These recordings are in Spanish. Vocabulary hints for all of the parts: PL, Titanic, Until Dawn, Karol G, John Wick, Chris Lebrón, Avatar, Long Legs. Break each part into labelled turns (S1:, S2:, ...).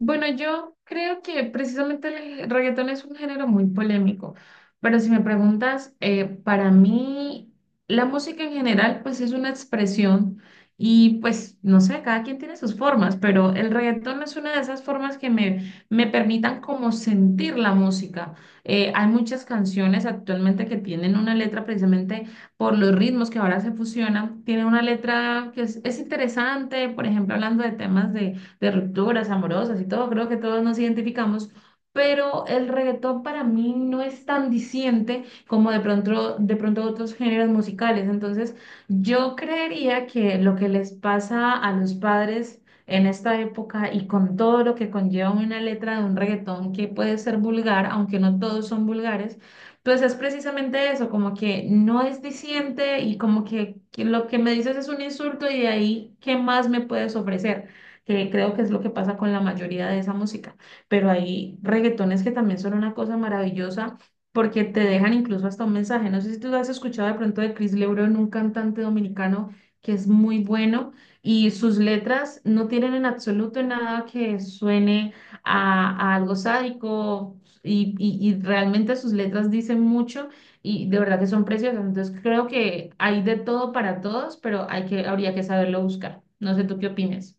S1: Bueno, yo creo que precisamente el reggaetón es un género muy polémico, pero si me preguntas, para mí la música en general pues es una expresión y pues no sé, cada quien tiene sus formas, pero el reggaetón es una de esas formas que me permitan como sentir la música. Hay muchas canciones actualmente que tienen una letra precisamente por los ritmos que ahora se fusionan, tienen una letra que es interesante, por ejemplo, hablando de temas de rupturas amorosas y todo, creo que todos nos identificamos, pero el reggaetón para mí no es tan diciente como de pronto otros géneros musicales. Entonces, yo creería que lo que les pasa a los padres en esta época y con todo lo que conlleva una letra de un reggaetón que puede ser vulgar, aunque no todos son vulgares, pues es precisamente eso, como que no es diciente y como que lo que me dices es un insulto y de ahí, ¿qué más me puedes ofrecer? Que creo que es lo que pasa con la mayoría de esa música. Pero hay reggaetones que también son una cosa maravillosa porque te dejan incluso hasta un mensaje. No sé si tú has escuchado de pronto de Chris Lebrón, un cantante dominicano que es muy bueno y sus letras no tienen en absoluto nada que suene a algo sádico y realmente sus letras dicen mucho y de verdad que son preciosas. Entonces creo que hay de todo para todos, pero hay que, habría que saberlo buscar. No sé tú qué opinas.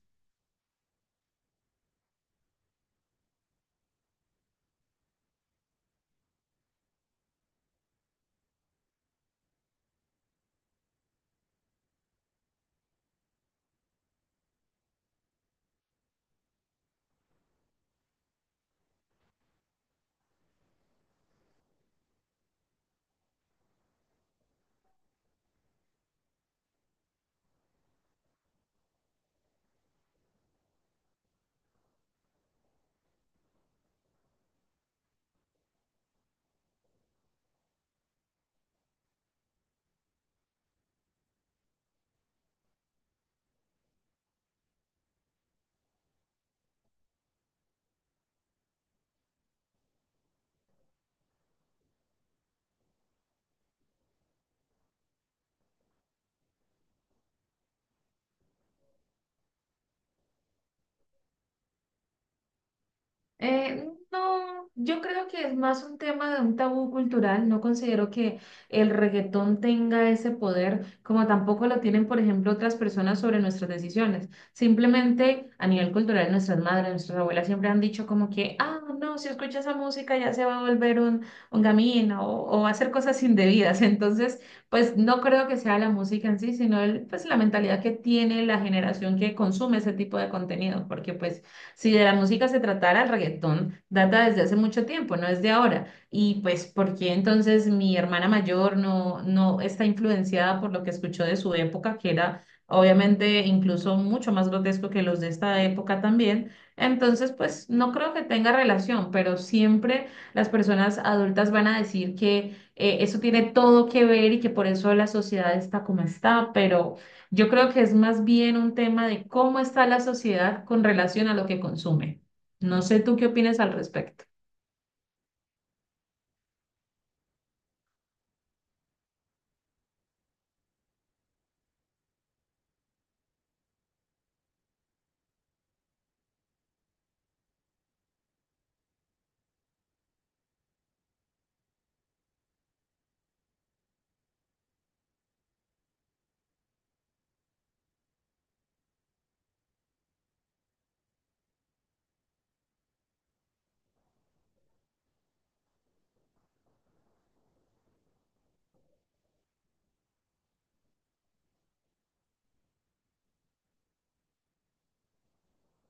S1: Eh, no, yo creo que es más un tema de un tabú cultural. No considero que el reggaetón tenga ese poder, como tampoco lo tienen, por ejemplo, otras personas sobre nuestras decisiones. Simplemente a nivel cultural, nuestras madres, nuestras abuelas siempre han dicho como que, ah, no, si escucha esa música ya se va a volver un gamín o va a hacer cosas indebidas. Entonces, pues no creo que sea la música en sí, sino el, pues la mentalidad que tiene la generación que consume ese tipo de contenido, porque pues... Si de la música se tratara, el reggaetón data desde hace mucho tiempo, no es de ahora. Y pues, ¿por qué entonces mi hermana mayor no está influenciada por lo que escuchó de su época, que era obviamente incluso mucho más grotesco que los de esta época también? Entonces, pues no creo que tenga relación, pero siempre las personas adultas van a decir que eso tiene todo que ver y que por eso la sociedad está como está, pero... Yo creo que es más bien un tema de cómo está la sociedad con relación a lo que consume. No sé tú qué opinas al respecto.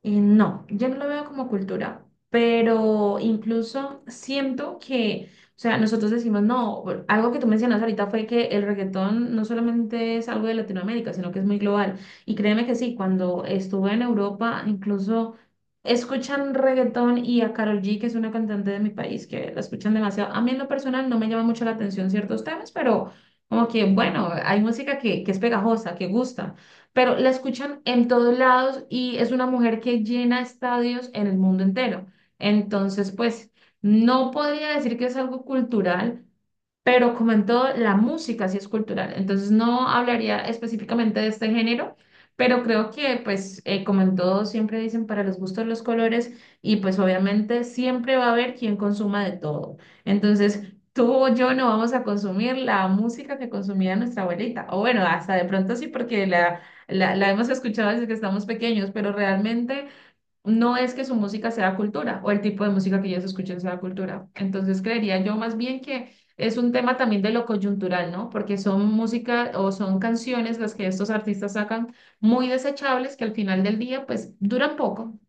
S1: No, yo no lo veo como cultura, pero incluso siento que, o sea, nosotros decimos, no, bueno, algo que tú mencionas ahorita fue que el reggaetón no solamente es algo de Latinoamérica, sino que es muy global. Y créeme que sí, cuando estuve en Europa, incluso escuchan reggaetón y a Karol G, que es una cantante de mi país, que la escuchan demasiado. A mí en lo personal no me llama mucho la atención ciertos temas, pero como que, bueno, hay música que es pegajosa, que gusta pero la escuchan en todos lados y es una mujer que llena estadios en el mundo entero. Entonces, pues, no podría decir que es algo cultural, pero como en todo, la música sí es cultural. Entonces, no hablaría específicamente de este género, pero creo que, pues, como en todo, siempre dicen para los gustos los colores y pues obviamente siempre va a haber quien consuma de todo. Entonces, tú o yo no vamos a consumir la música que consumía nuestra abuelita. O bueno, hasta de pronto sí, porque la hemos escuchado desde que estamos pequeños, pero realmente no es que su música sea cultura o el tipo de música que ellos escuchan sea cultura. Entonces creería yo más bien que es un tema también de lo coyuntural, ¿no? Porque son música o son canciones las que estos artistas sacan muy desechables que al final del día pues duran poco.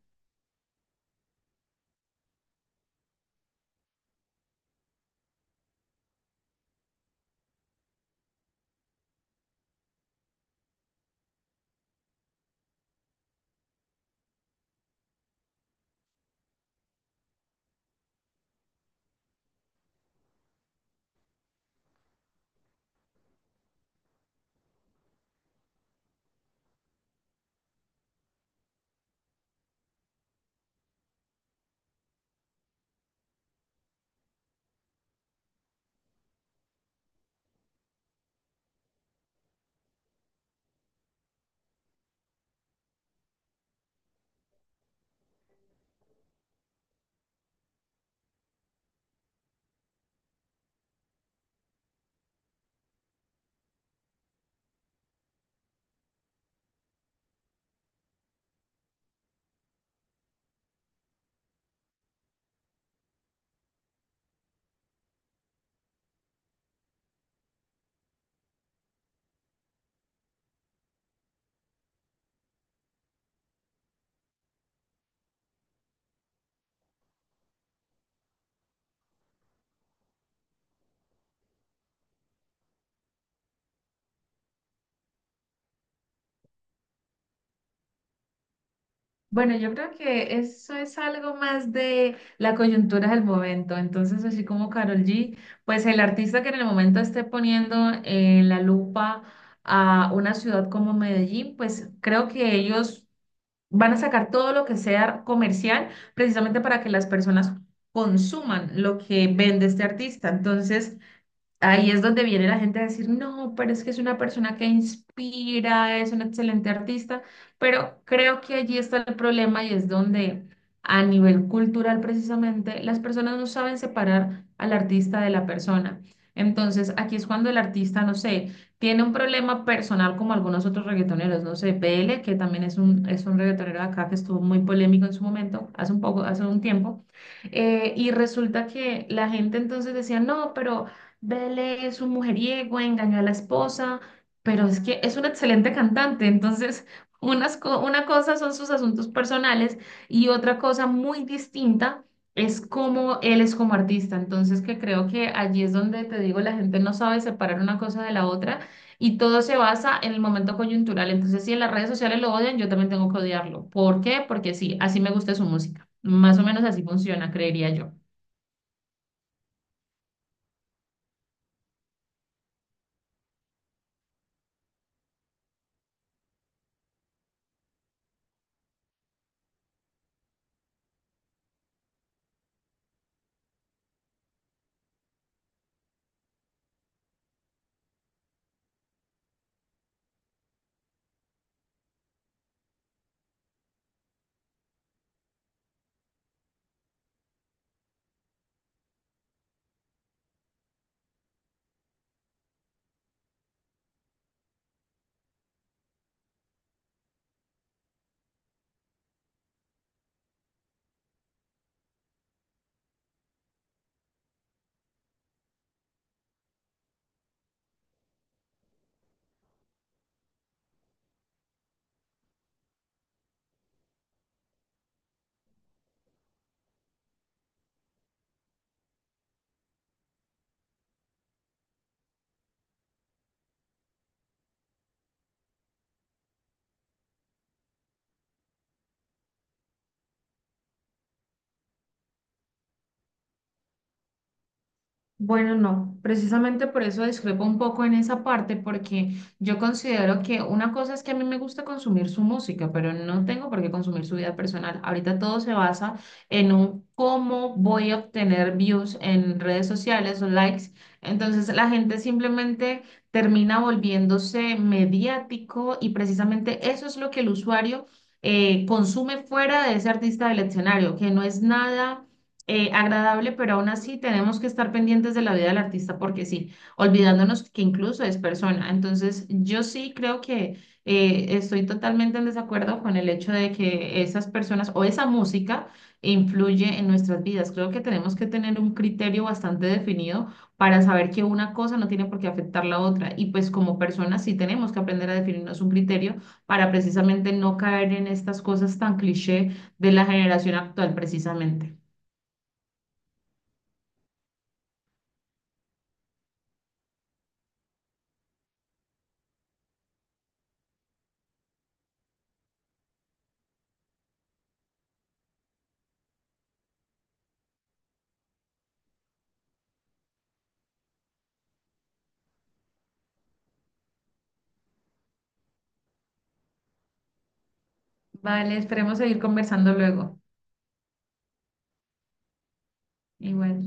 S1: Bueno, yo creo que eso es algo más de la coyuntura del momento. Entonces, así como Karol G, pues el artista que en el momento esté poniendo en la lupa a una ciudad como Medellín, pues creo que ellos van a sacar todo lo que sea comercial precisamente para que las personas consuman lo que vende este artista. Entonces, ahí es donde viene la gente a decir, no, pero es que es una persona que inspira, es un excelente artista, pero creo que allí está el problema y es donde a nivel cultural precisamente las personas no saben separar al artista de la persona. Entonces aquí es cuando el artista, no sé, tiene un problema personal como algunos otros reggaetoneros, no sé, PL, que también es un reggaetonero de acá que estuvo muy polémico en su momento, hace un poco, hace un tiempo, y resulta que la gente entonces decía, no, pero... Bele es un mujeriego, engañó a la esposa, pero es que es un excelente cantante, entonces una cosa son sus asuntos personales y otra cosa muy distinta es cómo él es como artista, entonces que creo que allí es donde te digo, la gente no sabe separar una cosa de la otra y todo se basa en el momento coyuntural, entonces si en las redes sociales lo odian, yo también tengo que odiarlo. ¿Por qué? Porque sí, así me gusta su música, más o menos así funciona, creería yo. Bueno, no, precisamente por eso discrepo un poco en esa parte, porque yo considero que una cosa es que a mí me gusta consumir su música, pero no tengo por qué consumir su vida personal. Ahorita todo se basa en un cómo voy a obtener views en redes sociales o likes. Entonces la gente simplemente termina volviéndose mediático y precisamente eso es lo que el usuario consume fuera de ese artista del escenario, que no es nada agradable, pero aún así tenemos que estar pendientes de la vida del artista porque sí, olvidándonos que incluso es persona. Entonces, yo sí creo que estoy totalmente en desacuerdo con el hecho de que esas personas o esa música influye en nuestras vidas. Creo que tenemos que tener un criterio bastante definido para saber que una cosa no tiene por qué afectar la otra. Y pues como personas sí tenemos que aprender a definirnos un criterio para precisamente no caer en estas cosas tan cliché de la generación actual, precisamente. Vale, esperemos seguir conversando luego. Igual.